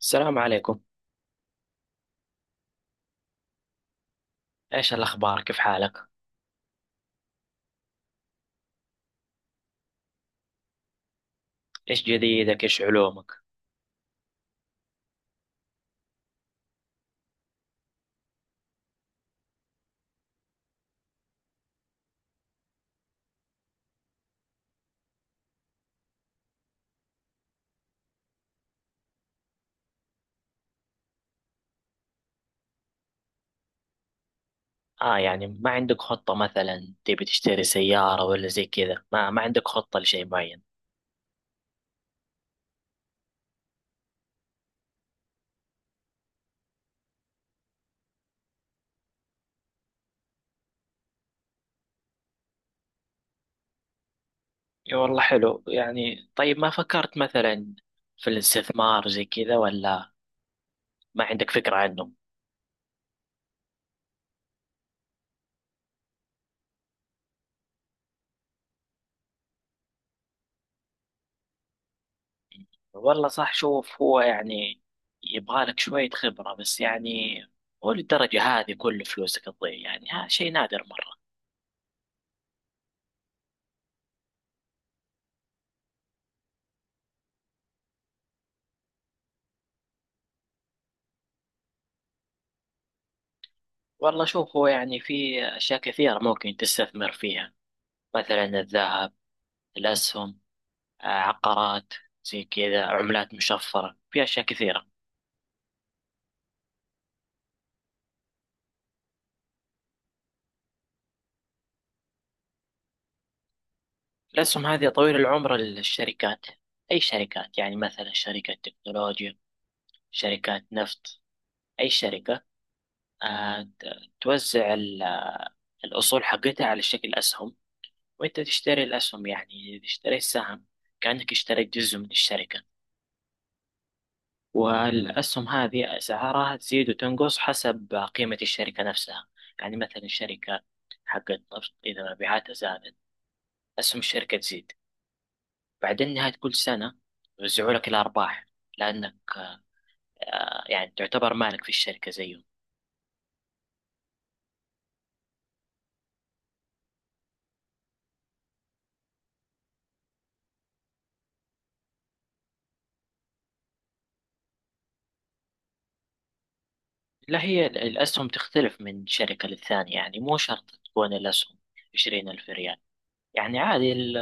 السلام عليكم. ايش الاخبار؟ كيف حالك؟ ايش جديدك؟ ايش علومك؟ اه، يعني ما عندك خطة مثلا تبي تشتري سيارة ولا زي كذا؟ ما عندك خطة لشيء معين؟ اي والله، حلو. يعني طيب، ما فكرت مثلا في الاستثمار زي كذا؟ ولا ما عندك فكرة عنه؟ والله صح. شوف، هو يعني يبغالك شوية خبرة، بس يعني هو للدرجة هذه كل فلوسك تضيع؟ يعني ها شيء نادر مرة. والله شوف، هو يعني في أشياء كثيرة ممكن تستثمر فيها: مثلا الذهب، الأسهم، عقارات، زي كذا، عملات مشفرة. في أشياء كثيرة. الأسهم هذه طويل العمر للشركات. أي شركات؟ يعني مثلا شركة تكنولوجيا، شركات نفط، أي شركة توزع الأصول حقتها على شكل أسهم، وأنت تشتري الأسهم. يعني تشتري السهم كأنك اشتريت جزء من الشركة. والأسهم هذه أسعارها تزيد وتنقص حسب قيمة الشركة نفسها. يعني مثلا الشركة حقت نفط إذا مبيعاتها زادت، أسهم الشركة تزيد. بعدين نهاية كل سنة يوزعوا لك الأرباح، لأنك يعني تعتبر مالك في الشركة زيهم. لا، الأسهم تختلف من شركة للثانية. يعني مو شرط تكون الأسهم 20,000 ريال. يعني عادي،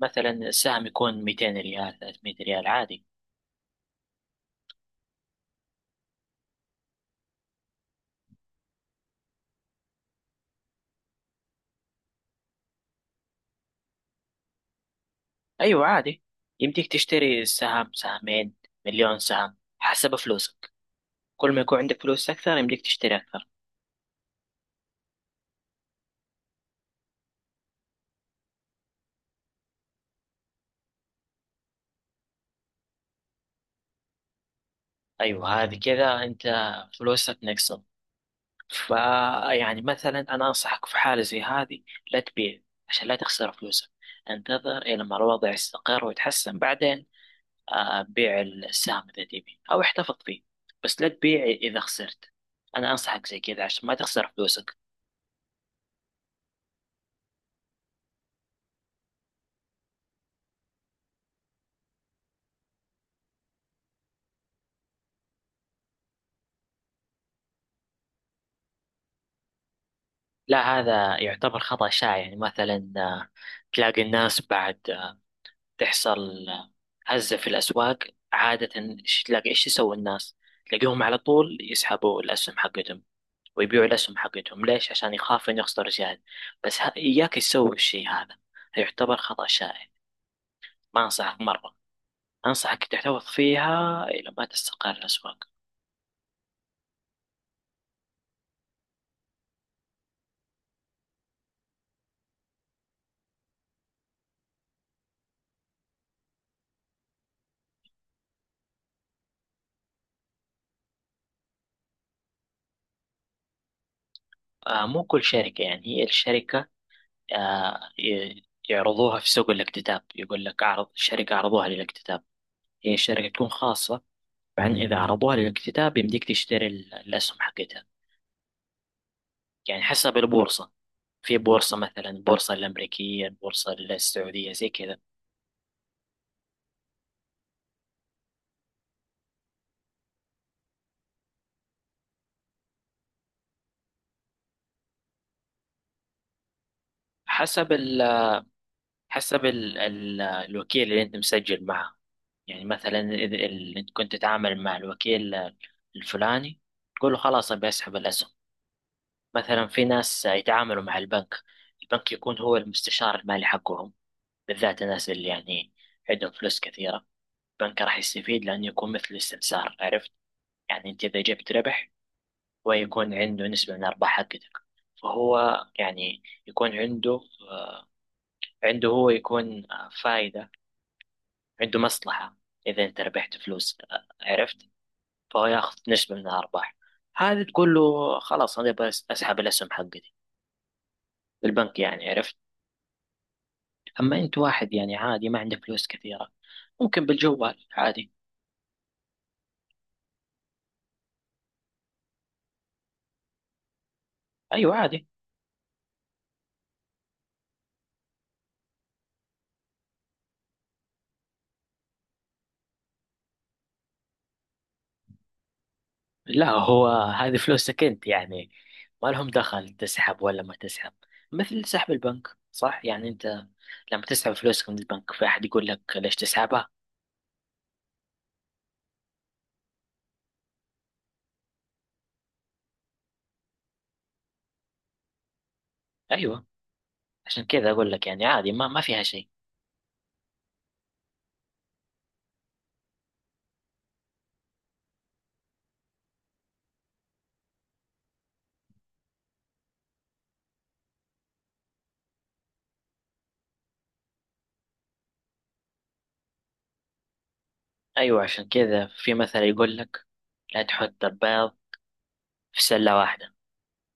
مثلا السهم يكون 200 ريال، 300 ريال عادي. أيوة عادي، يمديك تشتري سهم، سهمين، مليون سهم حسب فلوسك. كل ما يكون عندك فلوس أكثر يمديك تشتري أكثر. أيوة، هذه كذا، أنت فلوسك نقصت. فيعني مثلا أنا أنصحك في حالة زي هذه لا تبيع، عشان لا تخسر فلوسك. انتظر إلى ما الوضع يستقر ويتحسن، بعدين بيع السهم إذا تبي، أو احتفظ فيه. بس لا تبيع إذا خسرت. أنا أنصحك زي كذا عشان ما تخسر فلوسك. لا، هذا يعتبر خطأ شائع. يعني مثلا تلاقي الناس بعد تحصل هزة في الأسواق عادة، تلاقي إيش يسوي الناس؟ تلاقيهم على طول يسحبوا الأسهم حقتهم ويبيعوا الأسهم حقتهم. ليش؟ عشان يخاف إنه يخسر زيادة. بس إياك تسوي الشيء هذا، يعتبر خطأ شائع. ما أنصحك مرة. أنصحك تحتفظ فيها إلى ما تستقر الأسواق. مو كل شركة. يعني هي الشركة يعرضوها في سوق الاكتتاب. يقول لك أعرض الشركة، عرضوها للاكتتاب. هي الشركة تكون خاصة، بعدين إذا عرضوها للاكتتاب يمديك تشتري الأسهم حقتها. يعني حسب البورصة. في بورصة مثلا البورصة الأمريكية، البورصة السعودية، زي كذا. حسب ال حسب ال ال الوكيل اللي أنت مسجل معه. يعني مثلا إذا أنت كنت تتعامل مع الوكيل الفلاني، تقول له خلاص أبي أسحب الأسهم. مثلا في ناس يتعاملوا مع البنك. البنك يكون هو المستشار المالي حقهم، بالذات الناس اللي يعني عندهم فلوس كثيرة. البنك راح يستفيد، لأنه يكون مثل الاستثمار. عرفت؟ يعني أنت إذا جبت ربح، هو يكون عنده نسبة من الأرباح حقتك. فهو يعني يكون عنده، هو يكون فايدة، عنده مصلحة إذا أنت ربحت فلوس. عرفت؟ فهو ياخذ نسبة من الأرباح. هذه تقول له خلاص أنا أبغى أسحب الأسهم حقتي، البنك يعني. عرفت؟ أما أنت واحد يعني عادي ما عنده فلوس كثيرة، ممكن بالجوال عادي. أيوة عادي. لا، هو هذه فلوسك أنت، يعني ما لهم دخل تسحب ولا ما تسحب. مثل سحب البنك صح. يعني أنت لما تسحب فلوسك من البنك في أحد يقول لك ليش تسحبها؟ أيوة، عشان كذا أقول لك يعني عادي، ما فيها شيء. أيوة، عشان كذا في مثل يقول لك لا تحط البيض في سلة واحدة.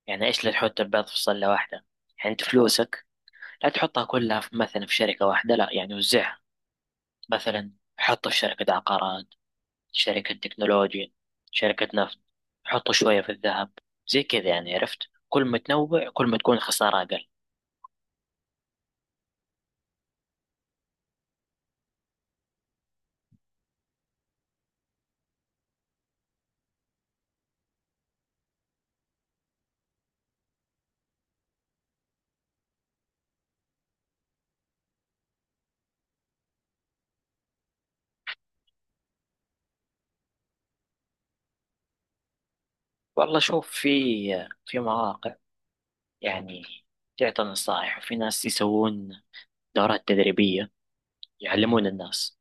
يعني إيش لا تحط البيض في سلة واحدة؟ يعني أنت فلوسك لا تحطها كلها في مثلا في شركة واحدة، لا. يعني وزعها. مثلا حطوا في شركة عقارات، شركة تكنولوجيا، شركة نفط، حطوا شوية في الذهب، زي كذا. يعني عرفت؟ كل ما تنوع كل ما تكون خسارة أقل. والله شوف، في مواقع يعني تعطي نصائح، وفي ناس يسوون دورات تدريبية يعلمون الناس.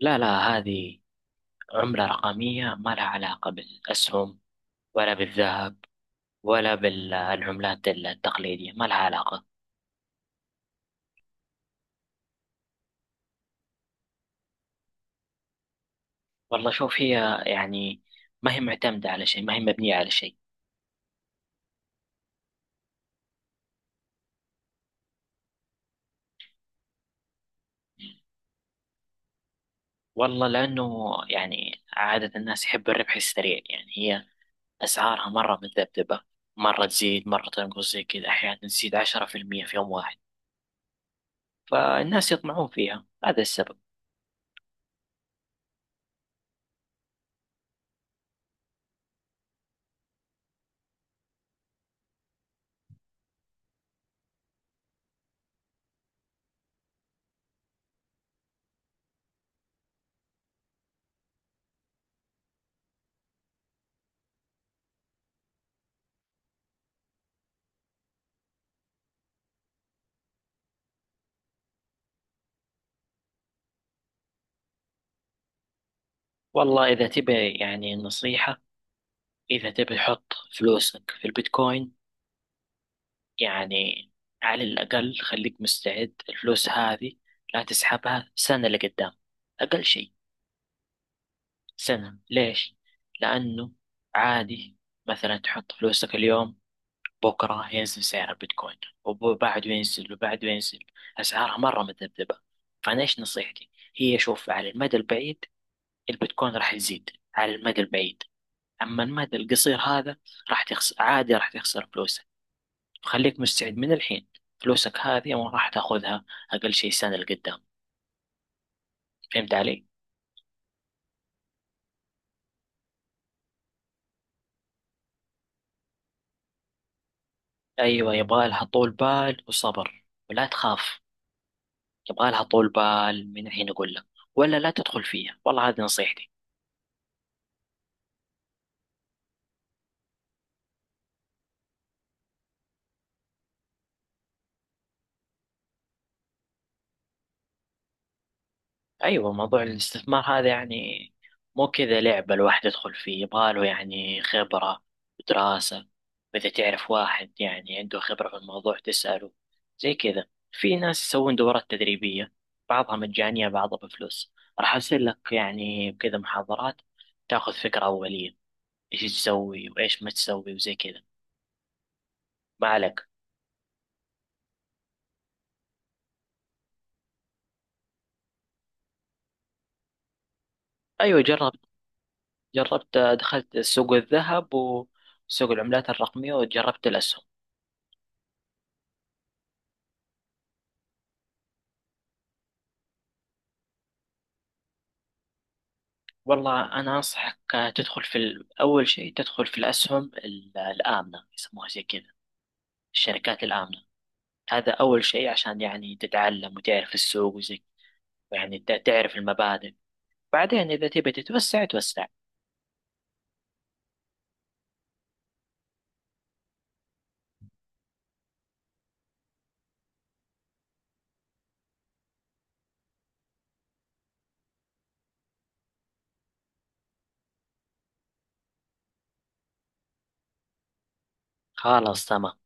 لا لا، هذه عملة رقمية ما لها علاقة بالأسهم، ولا بالذهب، ولا بالعملات التقليدية. ما لها علاقة. والله شوف، هي يعني ما هي معتمدة على شيء، ما هي مبنية على شيء. والله لأنه يعني عادة الناس يحب الربح السريع. يعني هي أسعارها مرة متذبذبة، مرة تزيد مرة تنقص زي كذا. أحيانا تزيد 10% في يوم واحد، فالناس يطمعون فيها. هذا السبب. والله إذا تبي يعني نصيحة، إذا تبي حط فلوسك في البيتكوين، يعني على الأقل خليك مستعد الفلوس هذه لا تسحبها سنة لقدام. أقل شيء سنة. ليش؟ لأنه عادي مثلا تحط فلوسك اليوم، بكرة ينزل سعر البيتكوين، وبعده ينزل، وبعده ينزل. أسعارها مرة مذبذبة. فأنا إيش نصيحتي؟ هي شوف، على المدى البعيد البيتكوين راح يزيد، على المدى البعيد. أما المدى القصير هذا راح تخسر، عادي راح تخسر فلوسك. خليك مستعد من الحين، فلوسك هذه ما راح تاخذها أقل شيء سنة لقدام. فهمت علي؟ أيوة، يبغالها طول بال وصبر، ولا تخاف. يبغى لها طول بال، من الحين اقول لك، ولا لا تدخل فيها. والله هذه نصيحتي. ايوه، موضوع الاستثمار هذا يعني مو كذا لعبه. الواحد يدخل فيه يبغى له يعني خبره ودراسه. واذا تعرف واحد يعني عنده خبره في الموضوع تساله، زي كذا. في ناس يسوون دورات تدريبيه، بعضها مجانيه بعضها بفلوس. راح ارسل لك يعني كذا محاضرات تاخذ فكره اوليه، ايش تسوي وايش ما تسوي وزي كذا. ما عليك. ايوه جرب. جربت دخلت سوق الذهب وسوق العملات الرقمية وجربت الأسهم. والله أنا أنصحك تدخل في أول شيء تدخل في الأسهم الآمنة يسموها، زي كذا. الشركات الآمنة، هذا أول شيء عشان يعني تتعلم وتعرف السوق وزي، يعني تعرف المبادئ. بعدين إذا تبي تتوسع توسع. خلاص تمام.